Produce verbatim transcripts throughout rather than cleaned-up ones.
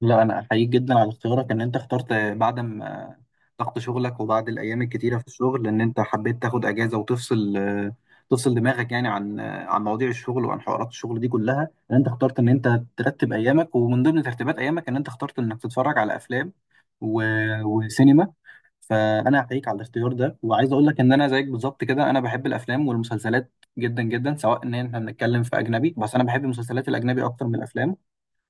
لا، انا احييك جدا على اختيارك ان انت اخترت بعد ما ضغط شغلك وبعد الايام الكتيره في الشغل ان انت حبيت تاخد اجازه وتفصل تفصل دماغك، يعني عن عن مواضيع الشغل وعن حوارات الشغل دي كلها، ان انت اخترت ان انت ترتب ايامك، ومن ضمن ترتيبات ايامك ان انت اخترت انك تتفرج على افلام و... وسينما. فانا احييك على الاختيار ده، وعايز اقول لك ان انا زيك بالظبط كده، انا بحب الافلام والمسلسلات جدا جدا. سواء ان احنا بنتكلم في اجنبي، بس انا بحب المسلسلات الاجنبي اكتر من الافلام،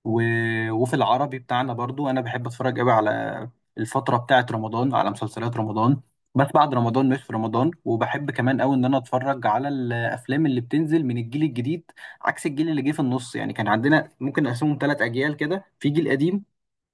و... وفي العربي بتاعنا برضو انا بحب اتفرج قوي على الفتره بتاعه رمضان، على مسلسلات رمضان بس بعد رمضان مش في رمضان. وبحب كمان قوي ان انا اتفرج على الافلام اللي بتنزل من الجيل الجديد عكس الجيل اللي جه في النص. يعني كان عندنا، ممكن نقسمهم ثلاث اجيال كده: في جيل قديم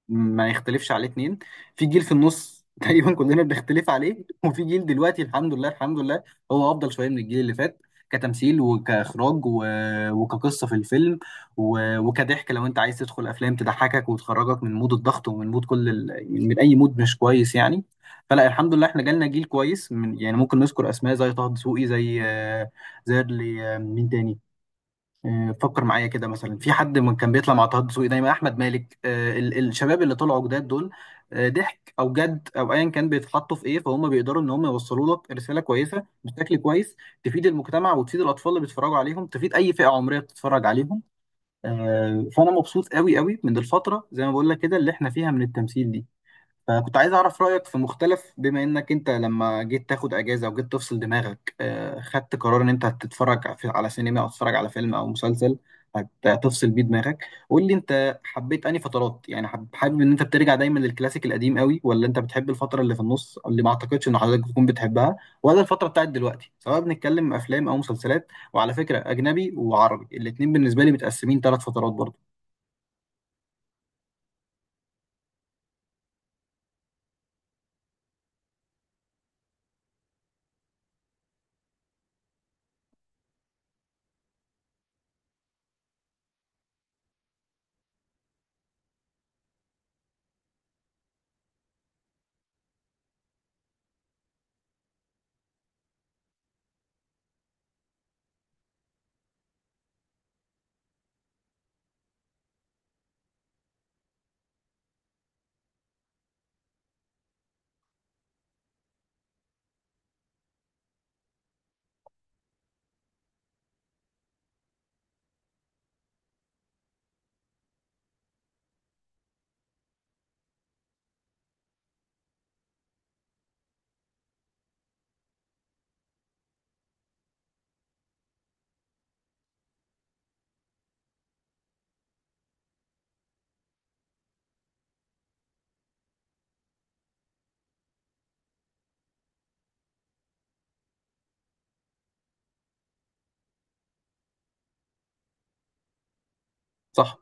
ما يختلفش عليه اتنين، في جيل في النص تقريبا كلنا بنختلف عليه، وفي جيل دلوقتي الحمد لله الحمد لله هو افضل شويه من الجيل اللي فات. كتمثيل وكاخراج و... وكقصه في الفيلم و... وكضحك. لو انت عايز تدخل افلام تضحكك وتخرجك من مود الضغط ومن مود كل ال... من اي مود مش كويس يعني. فلا، الحمد لله احنا جالنا جيل كويس من... يعني ممكن نذكر اسماء زي طه دسوقي، زي آه، زي اللي، مين تاني؟ آه، فكر معايا كده مثلا في حد من كان بيطلع مع طه دسوقي دايما، احمد مالك، آه، ال- الشباب اللي طلعوا جداد دول. آه، ضحك او جد او ايا كان بيتحطوا في ايه، فهم بيقدروا ان هم يوصلوا لك رساله كويسه بشكل كويس تفيد المجتمع وتفيد الاطفال اللي بيتفرجوا عليهم، تفيد اي فئه عمريه بتتفرج عليهم. آه، فانا مبسوط قوي قوي من الفتره، زي ما بقول لك كده، اللي احنا فيها من التمثيل دي. فكنت عايز أعرف رأيك في مختلف، بما إنك أنت لما جيت تاخد أجازة وجيت تفصل دماغك، آه، خدت قرار إن أنت هتتفرج في- على سينما أو تتفرج على فيلم أو مسلسل هت- هتفصل بيه دماغك. قول لي أنت حبيت أنهي فترات، يعني حب- حابب إن أنت بترجع دايما للكلاسيك القديم قوي، ولا أنت بتحب الفترة اللي في النص اللي ما أعتقدش إن حضرتك بتكون بتحبها، ولا الفترة بتاعت دلوقتي، سواء بنتكلم أفلام أو مسلسلات. وعلى فكرة أجنبي وعربي الاتنين بالنسبة لي متقسمين ثلاث فترات برضه. صح؟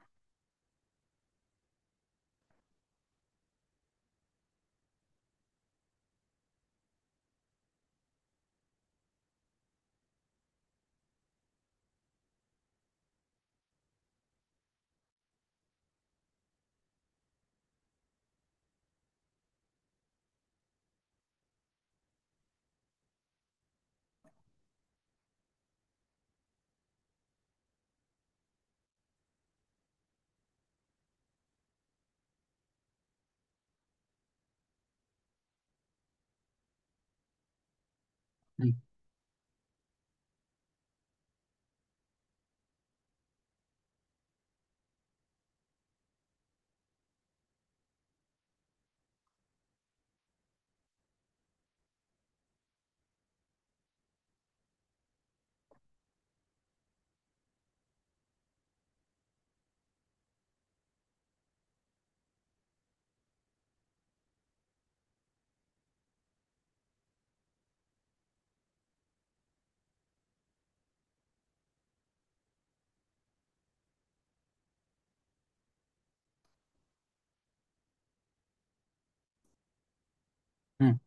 مم.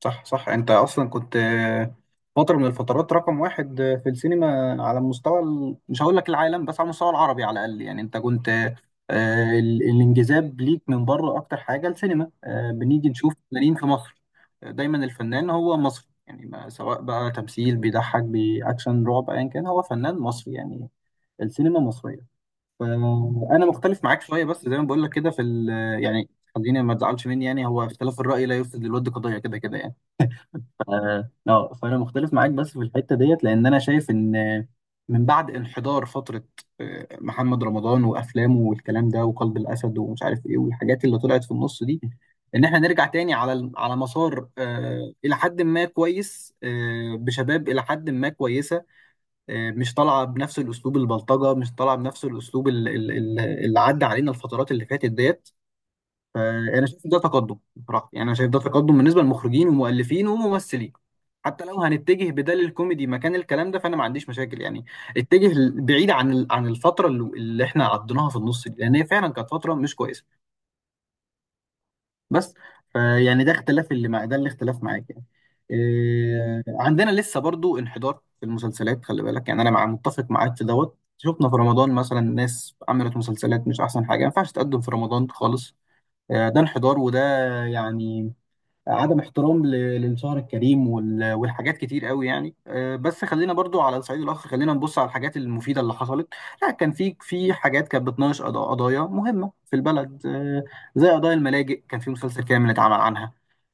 صح صح، انت اصلا كنت فتره من الفترات رقم واحد في السينما على مستوى ال... مش هقول لك العالم بس على المستوى العربي على الاقل، يعني انت كنت آه، ال- الانجذاب ليك من بره اكتر حاجه السينما. آه، بنيجي نشوف فنانين في مصر، آه، دايما الفنان هو مصري يعني، ما سواء بقى تمثيل بيضحك باكشن رعب ايا كان، هو فنان مصري يعني، السينما مصريه. فانا مختلف معاك شويه، بس زي ما بقول لك كده في ال... يعني خليني، ما تزعلش مني، يعني هو اختلاف الرأي لا يفسد للود قضية، كده كده يعني. اه آه، فانا مختلف معاك بس في الحته ديت، لان انا شايف ان من بعد انحدار فتره آه، محمد رمضان وافلامه والكلام ده، وقلب الاسد ومش عارف ايه، والحاجات اللي طلعت في النص دي، ان احنا نرجع تاني على ال- على مسار آه، الى حد ما كويس، آه، بشباب الى حد ما كويسه، آه، مش طالعه بنفس الاسلوب البلطجه، مش طالعه بنفس الاسلوب ال- ال- ال- اللي عدى علينا الفترات اللي فاتت ديت. فانا شايف إن ده تقدم بصراحه، يعني انا شايف ده تقدم بالنسبه للمخرجين ومؤلفين وممثلين. حتى لو هنتجه بدل الكوميدي مكان الكلام ده، فانا ما عنديش مشاكل يعني. اتجه ل- بعيد عن ال- عن الفتره اللي اللي احنا عديناها في النص دي، لان هي فعلا كانت فتره مش كويسه. بس فيعني ده اختلاف اللي مع ده الاختلاف معاك، يعني إيه عندنا لسه برضو انحدار في المسلسلات. خلي بالك، يعني انا مع متفق معاك في دوت، شفنا في رمضان مثلا ناس عملت مسلسلات مش احسن حاجه، ما ينفعش تقدم في رمضان خالص. آه، ده انحدار، وده يعني عدم احترام ل- للشهر الكريم وال- والحاجات كتير قوي يعني. آه، بس خلينا برضو على صعيد الاخر، خلينا نبص على الحاجات المفيده اللي حصلت. لا، كان في في حاجات كانت بتناقش قضا- قضايا مهمه في البلد، آه، زي قضايا الملاجئ، كان في مسلسل كامل اتعمل عنها،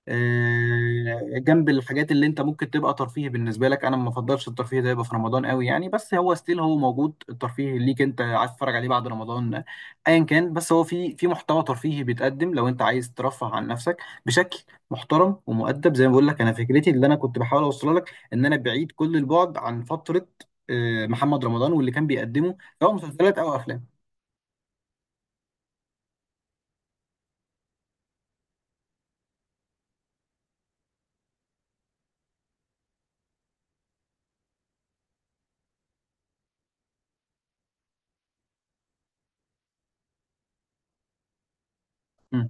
آه، جنب الحاجات اللي انت ممكن تبقى ترفيه بالنسبه لك. انا ما بفضلش الترفيه ده يبقى في رمضان قوي يعني، بس هو ستيل هو موجود، الترفيه ليك انت عايز تتفرج عليه بعد رمضان ايا كان. بس هو في في محتوى ترفيهي بيتقدم لو انت عايز ترفه عن نفسك بشكل محترم ومؤدب. زي ما بقول لك، انا فكرتي اللي انا كنت بحاول اوصلها لك ان انا بعيد كل البعد عن فتره آه، محمد رمضان واللي كان بيقدمه سواء مسلسلات او افلام. مم.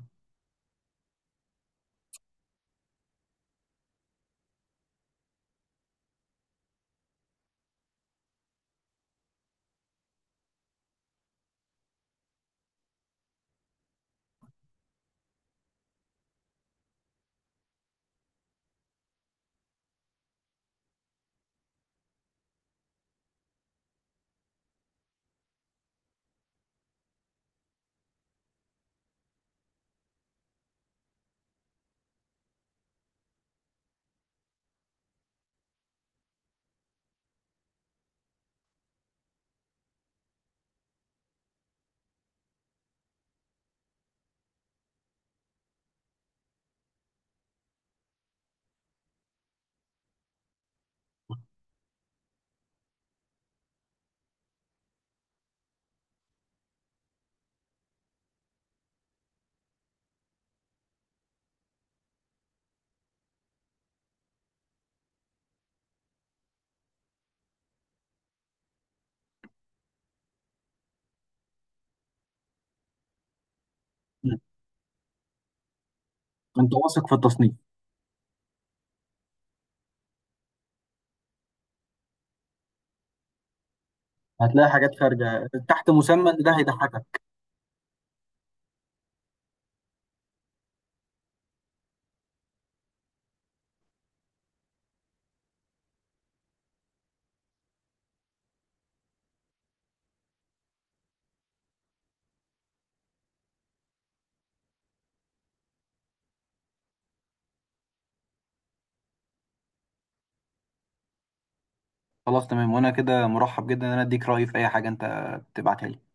مم. انت واثق في التصنيف؟ هتلاقي حاجات خارجه تحت مسمى ان ده هيضحكك. خلاص، تمام، وانا كده مرحب جدا ان انا اديك رايي في اي حاجه انت تبعتها لي.